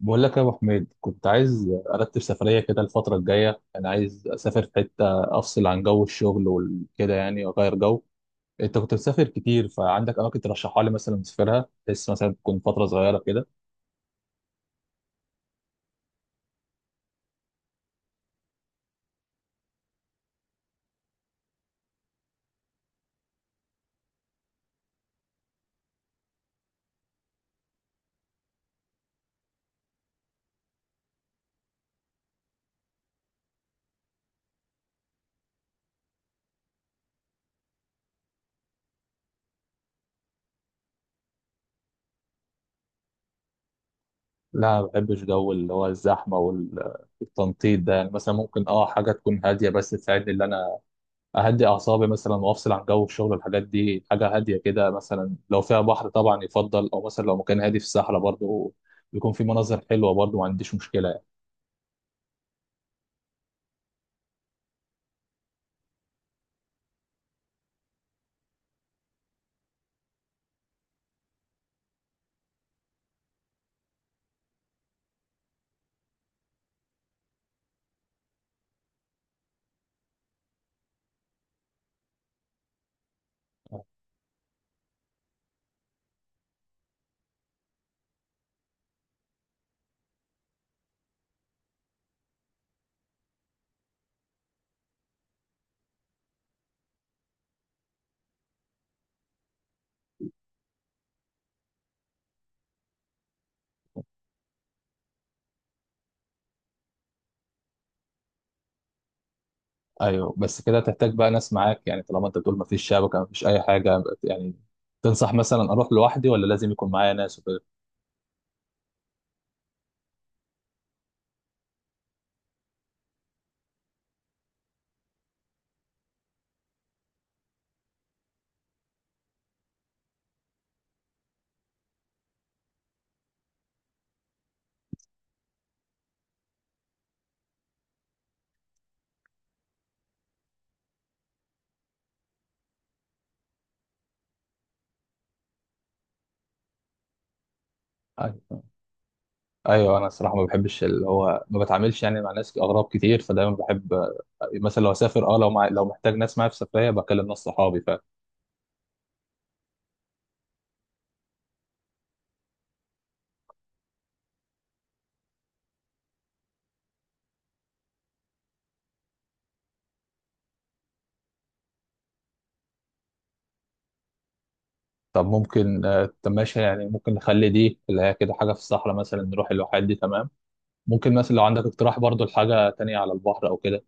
بقول لك يا ابو حميد، كنت عايز ارتب سفريه كده الفتره الجايه. انا عايز اسافر في حته افصل عن جو الشغل وكده يعني واغير جو. انت كنت بتسافر كتير، فعندك اماكن ترشحها لي مثلا اسافرها، بس مثلا تكون فتره صغيره كده. لا، ما بحبش جو اللي هو الزحمه والتنطيط ده. يعني مثلا ممكن حاجه تكون هاديه بس تساعدني ان اهدي اعصابي مثلا، وافصل عن جو الشغل والحاجات دي. حاجه هاديه كده، مثلا لو فيها بحر طبعا يفضل، او مثلا لو مكان هادي في الصحراء برضه يكون في مناظر حلوه برضه، ما عنديش مشكله. ايوه، بس كده تحتاج بقى ناس معاك يعني، طالما انت بتقول مفيش شبكه مفيش اي حاجه يعني. تنصح مثلا اروح لوحدي ولا لازم يكون معايا ناس وكده؟ ايوه، ايوه، انا الصراحه ما بحبش اللي هو ما بتعاملش يعني مع ناس اغراب كتير، فدايما بحب مثلا لو اسافر لو محتاج ناس معايا في سفريه بكلم ناس صحابي ف- طب ممكن، طب ماشي يعني، ممكن نخلي دي اللي هي كده حاجه في الصحراء مثلا، نروح الواحات دي تمام. ممكن مثلا لو عندك اقتراح برضو لحاجه تانية على البحر او كده.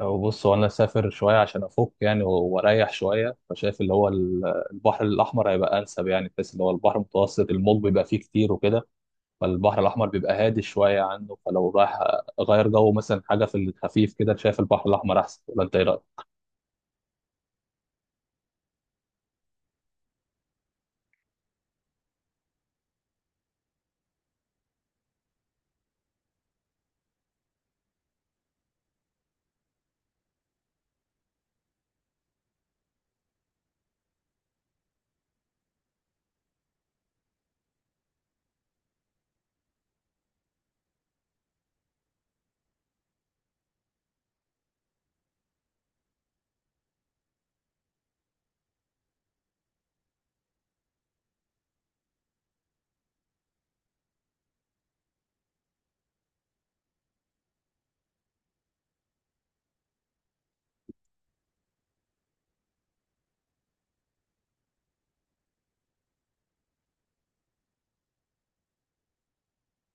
أو بص، هو أنا سافر شوية عشان أفك يعني وأريح شوية، فشايف اللي هو البحر الأحمر هيبقى أنسب يعني، بحيث اللي هو البحر المتوسط الموج بيبقى فيه كتير وكده، فالبحر الأحمر بيبقى هادي شوية عنه. فلو رايح أغير جو مثلا حاجة في الخفيف كده، شايف البحر الأحمر أحسن، ولا أنت إيه رأيك؟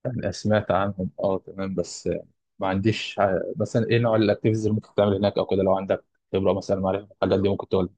يعني سمعت عنهم، أه، تمام، بس يعني ما عنديش مثلا إيه نوع الأكتيفيتيز اللي ممكن تعمل هناك أو كده. لو عندك خبرة مثلا معرفة الحاجات دي ممكن تقول.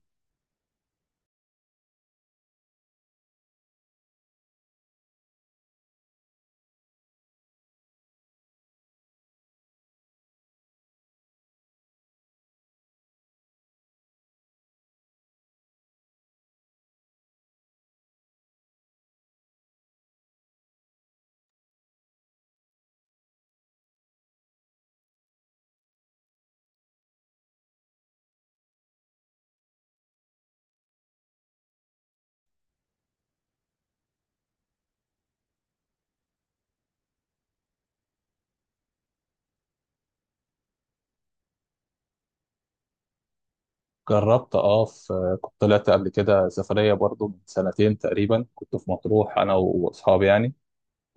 جربت، اه، في كنت طلعت قبل كده سفرية برضو من سنتين تقريبا، كنت في مطروح أنا وأصحابي يعني.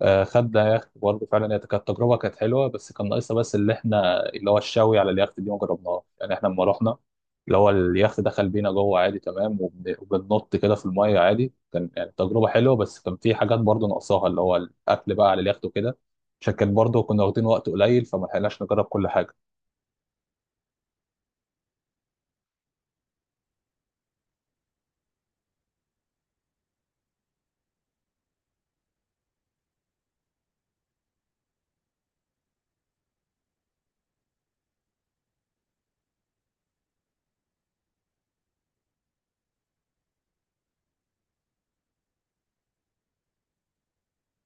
آه، خدنا يخت برضو، فعلا هي كانت تجربة كانت حلوة، بس كان ناقصها بس اللي احنا اللي هو الشاوي على اليخت دي ما جربناهاش يعني. احنا لما رحنا اللي هو اليخت دخل بينا جوه عادي تمام، وبننط كده في المية عادي، كان يعني تجربة حلوة، بس كان في حاجات برضو ناقصاها اللي هو الأكل بقى على اليخت وكده، عشان كان برضو كنا واخدين وقت قليل فما لحقناش نجرب كل حاجة.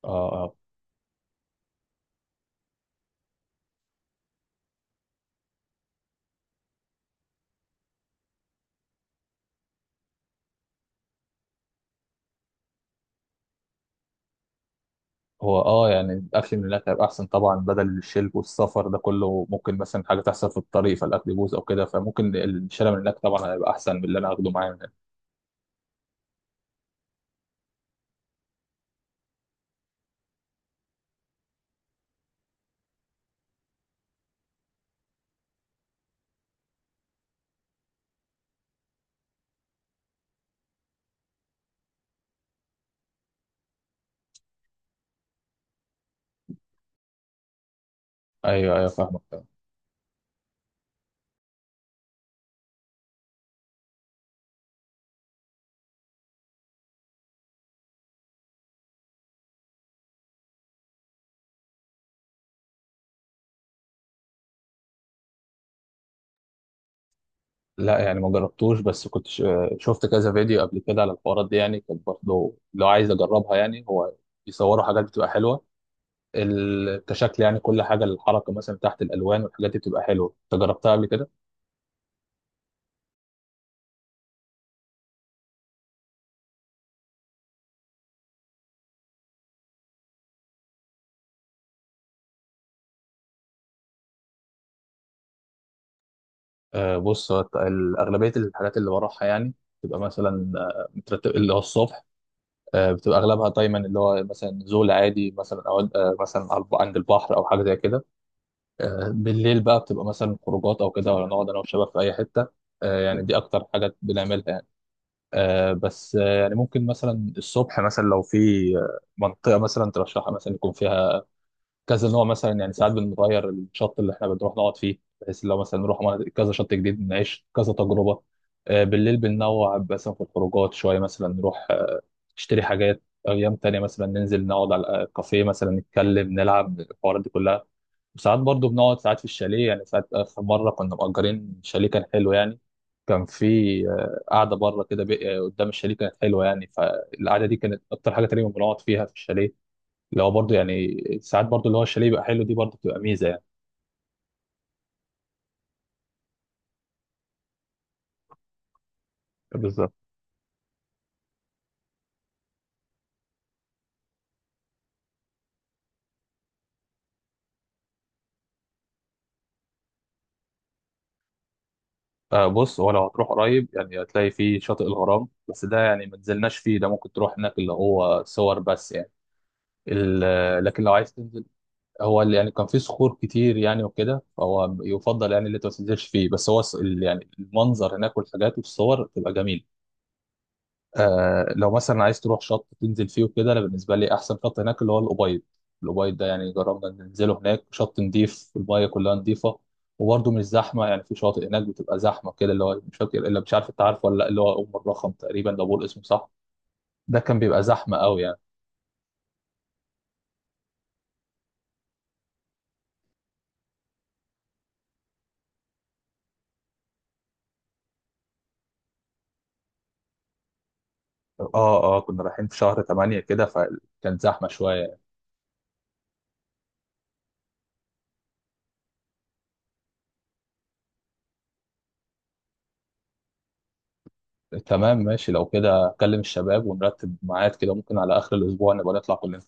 اه، آه. هو اه يعني الاكل من هناك هيبقى احسن طبعا، بدل الشرب والسفر ده كله ممكن مثلا حاجه تحصل في الطريق فالاكل يبوظ او كده، فممكن الشارع من هناك طبعا هيبقى احسن من اللي انا هاخده معايا من هنا. ايوه، ايوه، فاهمك. لا، يعني ما جربتوش، بس كنت شفت كذا فيديو قبل كده على الحوارات دي يعني. كنت برضه لو عايز اجربها يعني. هو بيصوروا حاجات بتبقى حلوه كشكل يعني. كل حاجه الحركه مثلا تحت، الالوان والحاجات دي بتبقى حلوه. انت جربتها قبل كده؟ آه بص، هو اغلبيه الحاجات اللي بروحها يعني تبقى مثلا مترتب اللي هو الصبح. بتبقى اغلبها دايما اللي هو مثلا زول عادي مثلا، او مثلا عند البحر او حاجه زي كده. بالليل بقى بتبقى مثلا خروجات او كده، ولا نقعد انا والشباب في اي حته. يعني دي اكتر حاجه بنعملها يعني. آه، بس آه، يعني ممكن مثلا الصبح مثلا لو في منطقه مثلا ترشحها مثلا يكون فيها كذا نوع مثلا يعني. ساعات بنغير الشط اللي احنا بنروح نقعد فيه، بحيث لو مثلا نروح كذا شط جديد نعيش كذا تجربة. بالليل بننوع مثلا في الخروجات شوية، مثلا نروح نشتري حاجات. أيام تانية مثلا ننزل نقعد على الكافيه مثلا، نتكلم، نلعب، الحوارات دي كلها. وساعات برضو بنقعد ساعات في الشاليه يعني. ساعات آخر مرة كنا مأجرين شاليه كان حلو يعني، كان في قعدة بره كده قدام الشاليه كانت حلوة يعني، فالقعدة دي كانت أكتر حاجة تقريبا بنقعد فيها في الشاليه. اللي هو برضه يعني ساعات برضه اللي هو الشاليه يبقى حلو دي برضه بتبقى ميزه يعني. بالظبط. بص، هو لو هتروح قريب يعني هتلاقي فيه شاطئ الغرام، بس ده يعني ما نزلناش فيه، ده ممكن تروح هناك اللي هو صور بس يعني. لكن لو عايز تنزل، هو اللي يعني كان فيه صخور كتير يعني وكده، فهو يفضل يعني اللي انت ما تنزلش فيه، بس هو يعني المنظر هناك والحاجات والصور بتبقى جميله. آه، لو مثلا عايز تروح شط تنزل فيه وكده، انا بالنسبه لي احسن شط هناك اللي هو الابيض. الابيض ده يعني جربنا ننزله، هناك شط نضيف، المايه كلها نضيفه، وبرده مش زحمه يعني. في شواطئ هناك بتبقى زحمه كده، اللي هو مش فاكر الا، مش عارف انت عارف ولا لا، اللي هو ام الرخم تقريبا لو بقول اسمه صح، ده كان بيبقى زحمه قوي يعني. اه، اه، كنا رايحين في شهر 8 كده، فكانت زحمه شويه. تمام ماشي، لو كده اكلم الشباب ونرتب ميعاد كده، ممكن على اخر الاسبوع نبقى نطلع كلنا.